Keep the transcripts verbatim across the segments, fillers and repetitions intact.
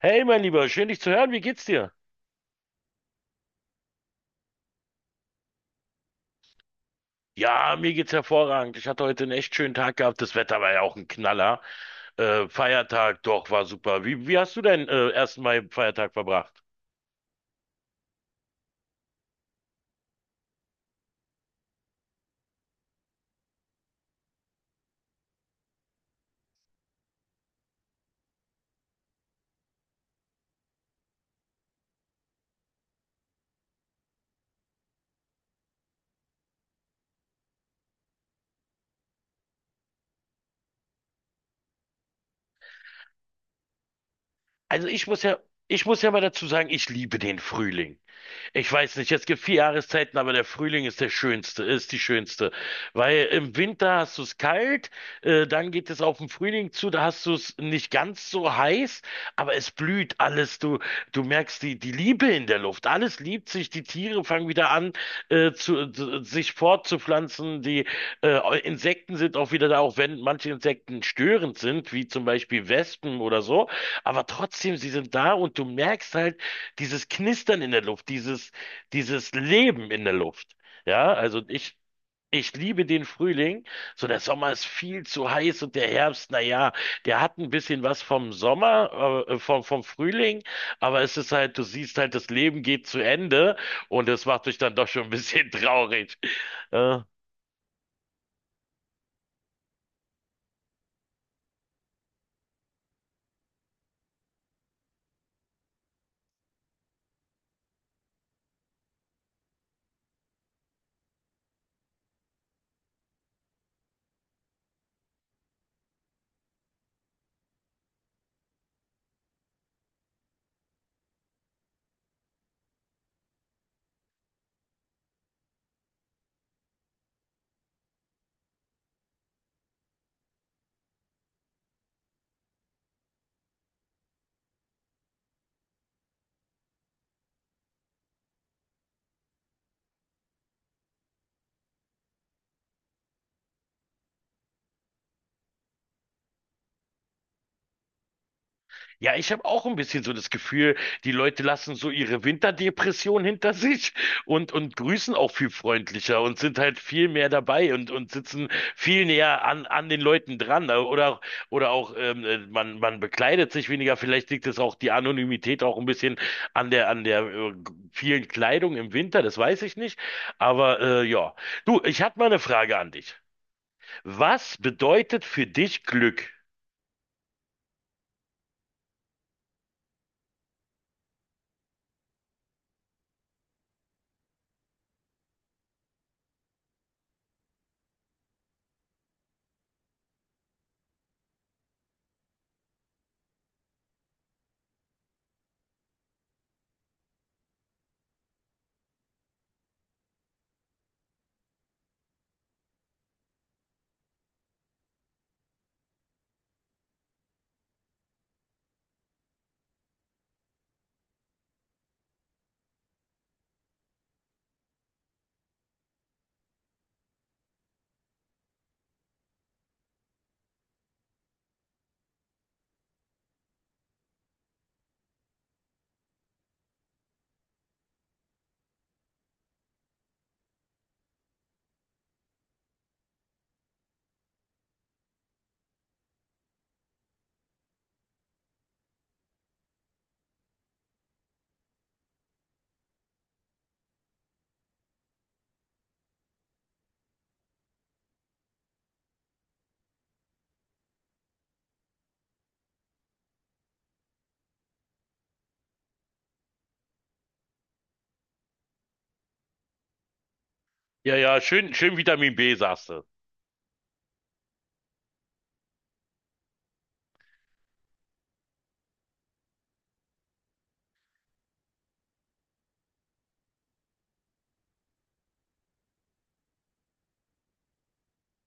Hey, mein Lieber, schön dich zu hören. Wie geht's dir? Ja, mir geht's hervorragend. Ich hatte heute einen echt schönen Tag gehabt. Das Wetter war ja auch ein Knaller. Äh, Feiertag, doch, war super. Wie, wie hast du deinen äh, ersten Mai-Feiertag verbracht? Also ich muss ja, ich muss ja mal dazu sagen, ich liebe den Frühling. Ich weiß nicht, es gibt vier Jahreszeiten, aber der Frühling ist der schönste, ist die schönste. Weil im Winter hast du es kalt, äh, dann geht es auf den Frühling zu, da hast du es nicht ganz so heiß, aber es blüht alles. Du, du merkst die, die Liebe in der Luft. Alles liebt sich, die Tiere fangen wieder an, äh, zu, zu, sich fortzupflanzen. Die äh, Insekten sind auch wieder da, auch wenn manche Insekten störend sind, wie zum Beispiel Wespen oder so. Aber trotzdem, sie sind da und du merkst halt, dieses Knistern in der Luft, dieses, dieses Leben in der Luft. Ja, also ich, ich liebe den Frühling. So, der Sommer ist viel zu heiß und der Herbst, na ja, der hat ein bisschen was vom Sommer, äh, vom, vom Frühling, aber es ist halt, du siehst halt, das Leben geht zu Ende und das macht dich dann doch schon ein bisschen traurig. Äh, Ja, ich habe auch ein bisschen so das Gefühl, die Leute lassen so ihre Winterdepression hinter sich und, und grüßen auch viel freundlicher und sind halt viel mehr dabei und, und sitzen viel näher an, an den Leuten dran. Oder, oder auch ähm, äh, man, man bekleidet sich weniger. Vielleicht liegt es auch die Anonymität auch ein bisschen an der, an der äh, vielen Kleidung im Winter, das weiß ich nicht. Aber äh, ja, du, ich hatte mal eine Frage an dich. Was bedeutet für dich Glück? Ja, ja, schön, schön Vitamin B, sagst du.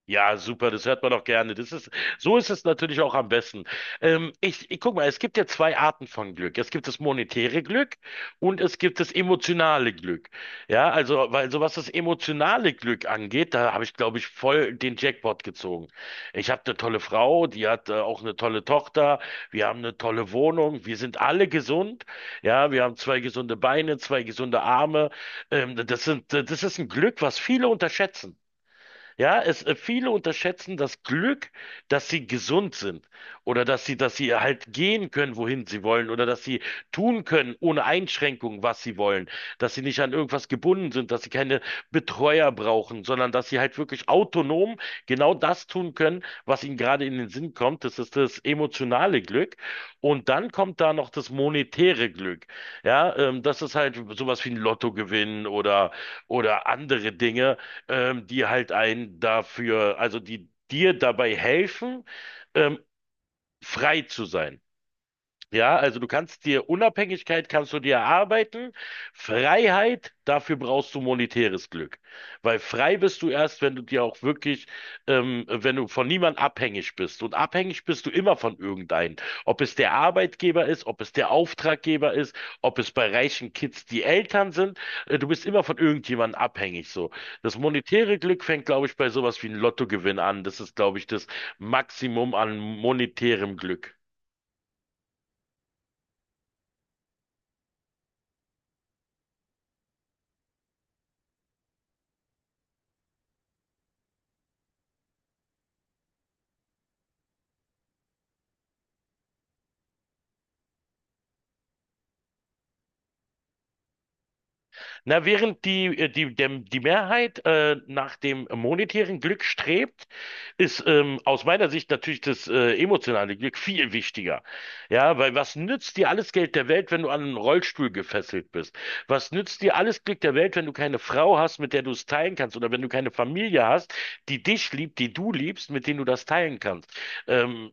Ja, super, das hört man doch gerne. Das ist, so ist es natürlich auch am besten. Ähm, ich, ich guck mal, es gibt ja zwei Arten von Glück. Es gibt das monetäre Glück und es gibt das emotionale Glück. Ja, also, weil so was das emotionale Glück angeht, da habe ich, glaube ich, voll den Jackpot gezogen. Ich habe eine tolle Frau, die hat äh, auch eine tolle Tochter, wir haben eine tolle Wohnung, wir sind alle gesund. Ja, wir haben zwei gesunde Beine, zwei gesunde Arme. Ähm, das sind, das ist ein Glück, was viele unterschätzen. Ja, es, äh, viele unterschätzen das Glück, dass sie gesund sind oder dass sie, dass sie halt gehen können, wohin sie wollen oder dass sie tun können, ohne Einschränkung, was sie wollen, dass sie nicht an irgendwas gebunden sind, dass sie keine Betreuer brauchen, sondern dass sie halt wirklich autonom genau das tun können, was ihnen gerade in den Sinn kommt. Das ist das emotionale Glück. Und dann kommt da noch das monetäre Glück. Ja, ähm, das ist halt sowas wie ein Lottogewinn oder, oder andere Dinge ähm, die halt einen dafür, also die dir dabei helfen, ähm, frei zu sein. Ja, also du kannst dir Unabhängigkeit kannst du dir erarbeiten, Freiheit, dafür brauchst du monetäres Glück. Weil frei bist du erst, wenn du dir auch wirklich, ähm, wenn du von niemand abhängig bist. Und abhängig bist du immer von irgendeinem. Ob es der Arbeitgeber ist, ob es der Auftraggeber ist, ob es bei reichen Kids die Eltern sind, äh, du bist immer von irgendjemandem abhängig. So. Das monetäre Glück fängt, glaube ich, bei sowas wie einem Lottogewinn an. Das ist, glaube ich, das Maximum an monetärem Glück. Na, während die, äh, die, der, die Mehrheit äh, nach dem monetären Glück strebt, ist ähm, aus meiner Sicht natürlich das äh, emotionale Glück viel wichtiger. Ja, weil was nützt dir alles Geld der Welt, wenn du an einen Rollstuhl gefesselt bist? Was nützt dir alles Glück der Welt, wenn du keine Frau hast, mit der du es teilen kannst? Oder wenn du keine Familie hast, die dich liebt, die du liebst, mit denen du das teilen kannst? Ähm,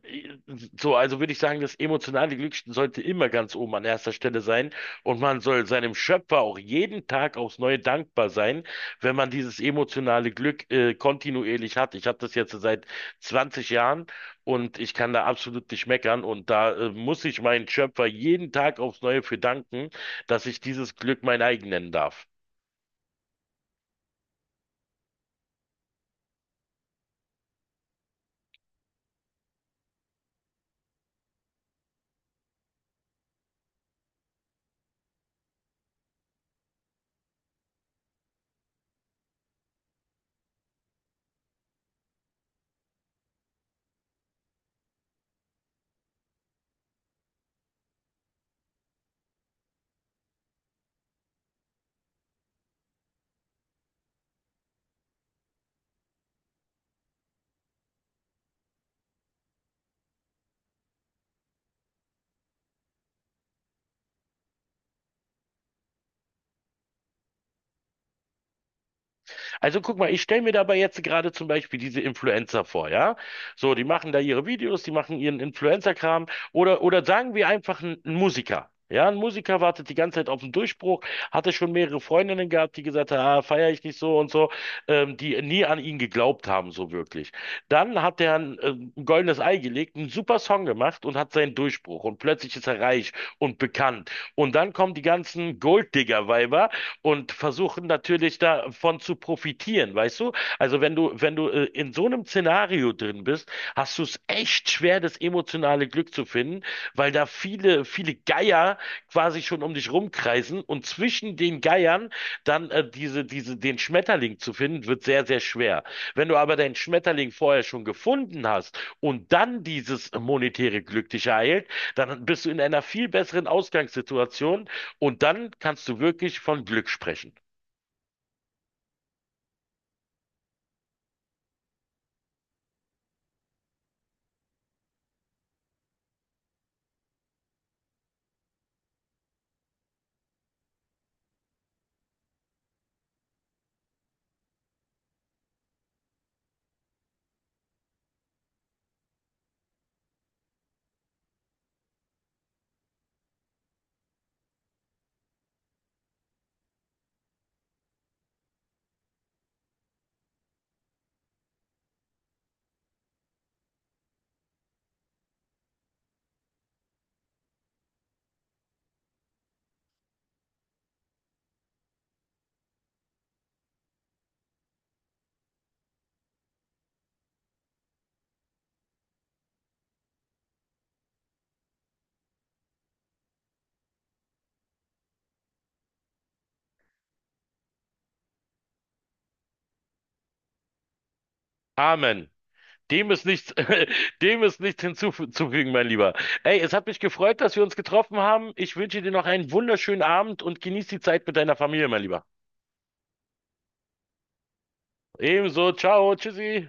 so, also würde ich sagen, das emotionale Glück sollte immer ganz oben an erster Stelle sein und man soll seinem Schöpfer auch jeden Tag aufs Neue dankbar sein, wenn man dieses emotionale Glück äh, kontinuierlich hat. Ich habe das jetzt seit zwanzig Jahren und ich kann da absolut nicht meckern. Und da äh, muss ich meinen Schöpfer jeden Tag aufs Neue für danken, dass ich dieses Glück mein eigen nennen darf. Also guck mal, ich stelle mir dabei jetzt gerade zum Beispiel diese Influencer vor, ja? So, die machen da ihre Videos, die machen ihren Influencer-Kram oder, oder sagen wir einfach ein ein Musiker. Ja, ein Musiker wartet die ganze Zeit auf den Durchbruch, hatte schon mehrere Freundinnen gehabt, die gesagt haben, ah, feiere ich nicht so und so, ähm, die nie an ihn geglaubt haben, so wirklich. Dann hat er ein, ähm, ein goldenes Ei gelegt, einen super Song gemacht und hat seinen Durchbruch und plötzlich ist er reich und bekannt. Und dann kommen die ganzen Golddigger-Weiber, und versuchen natürlich davon zu profitieren, weißt du? Also wenn du, wenn du äh, in so einem Szenario drin bist, hast du es echt schwer, das emotionale Glück zu finden, weil da viele, viele Geier quasi schon um dich rumkreisen und zwischen den Geiern dann äh, diese, diese, den Schmetterling zu finden, wird sehr, sehr schwer. Wenn du aber deinen Schmetterling vorher schon gefunden hast und dann dieses monetäre Glück dich ereilt, dann bist du in einer viel besseren Ausgangssituation, und dann kannst du wirklich von Glück sprechen. Amen. Dem ist nichts, dem ist nichts hinzuzufügen, mein Lieber. Ey, es hat mich gefreut, dass wir uns getroffen haben. Ich wünsche dir noch einen wunderschönen Abend und genieß die Zeit mit deiner Familie, mein Lieber. Ebenso, ciao, tschüssi.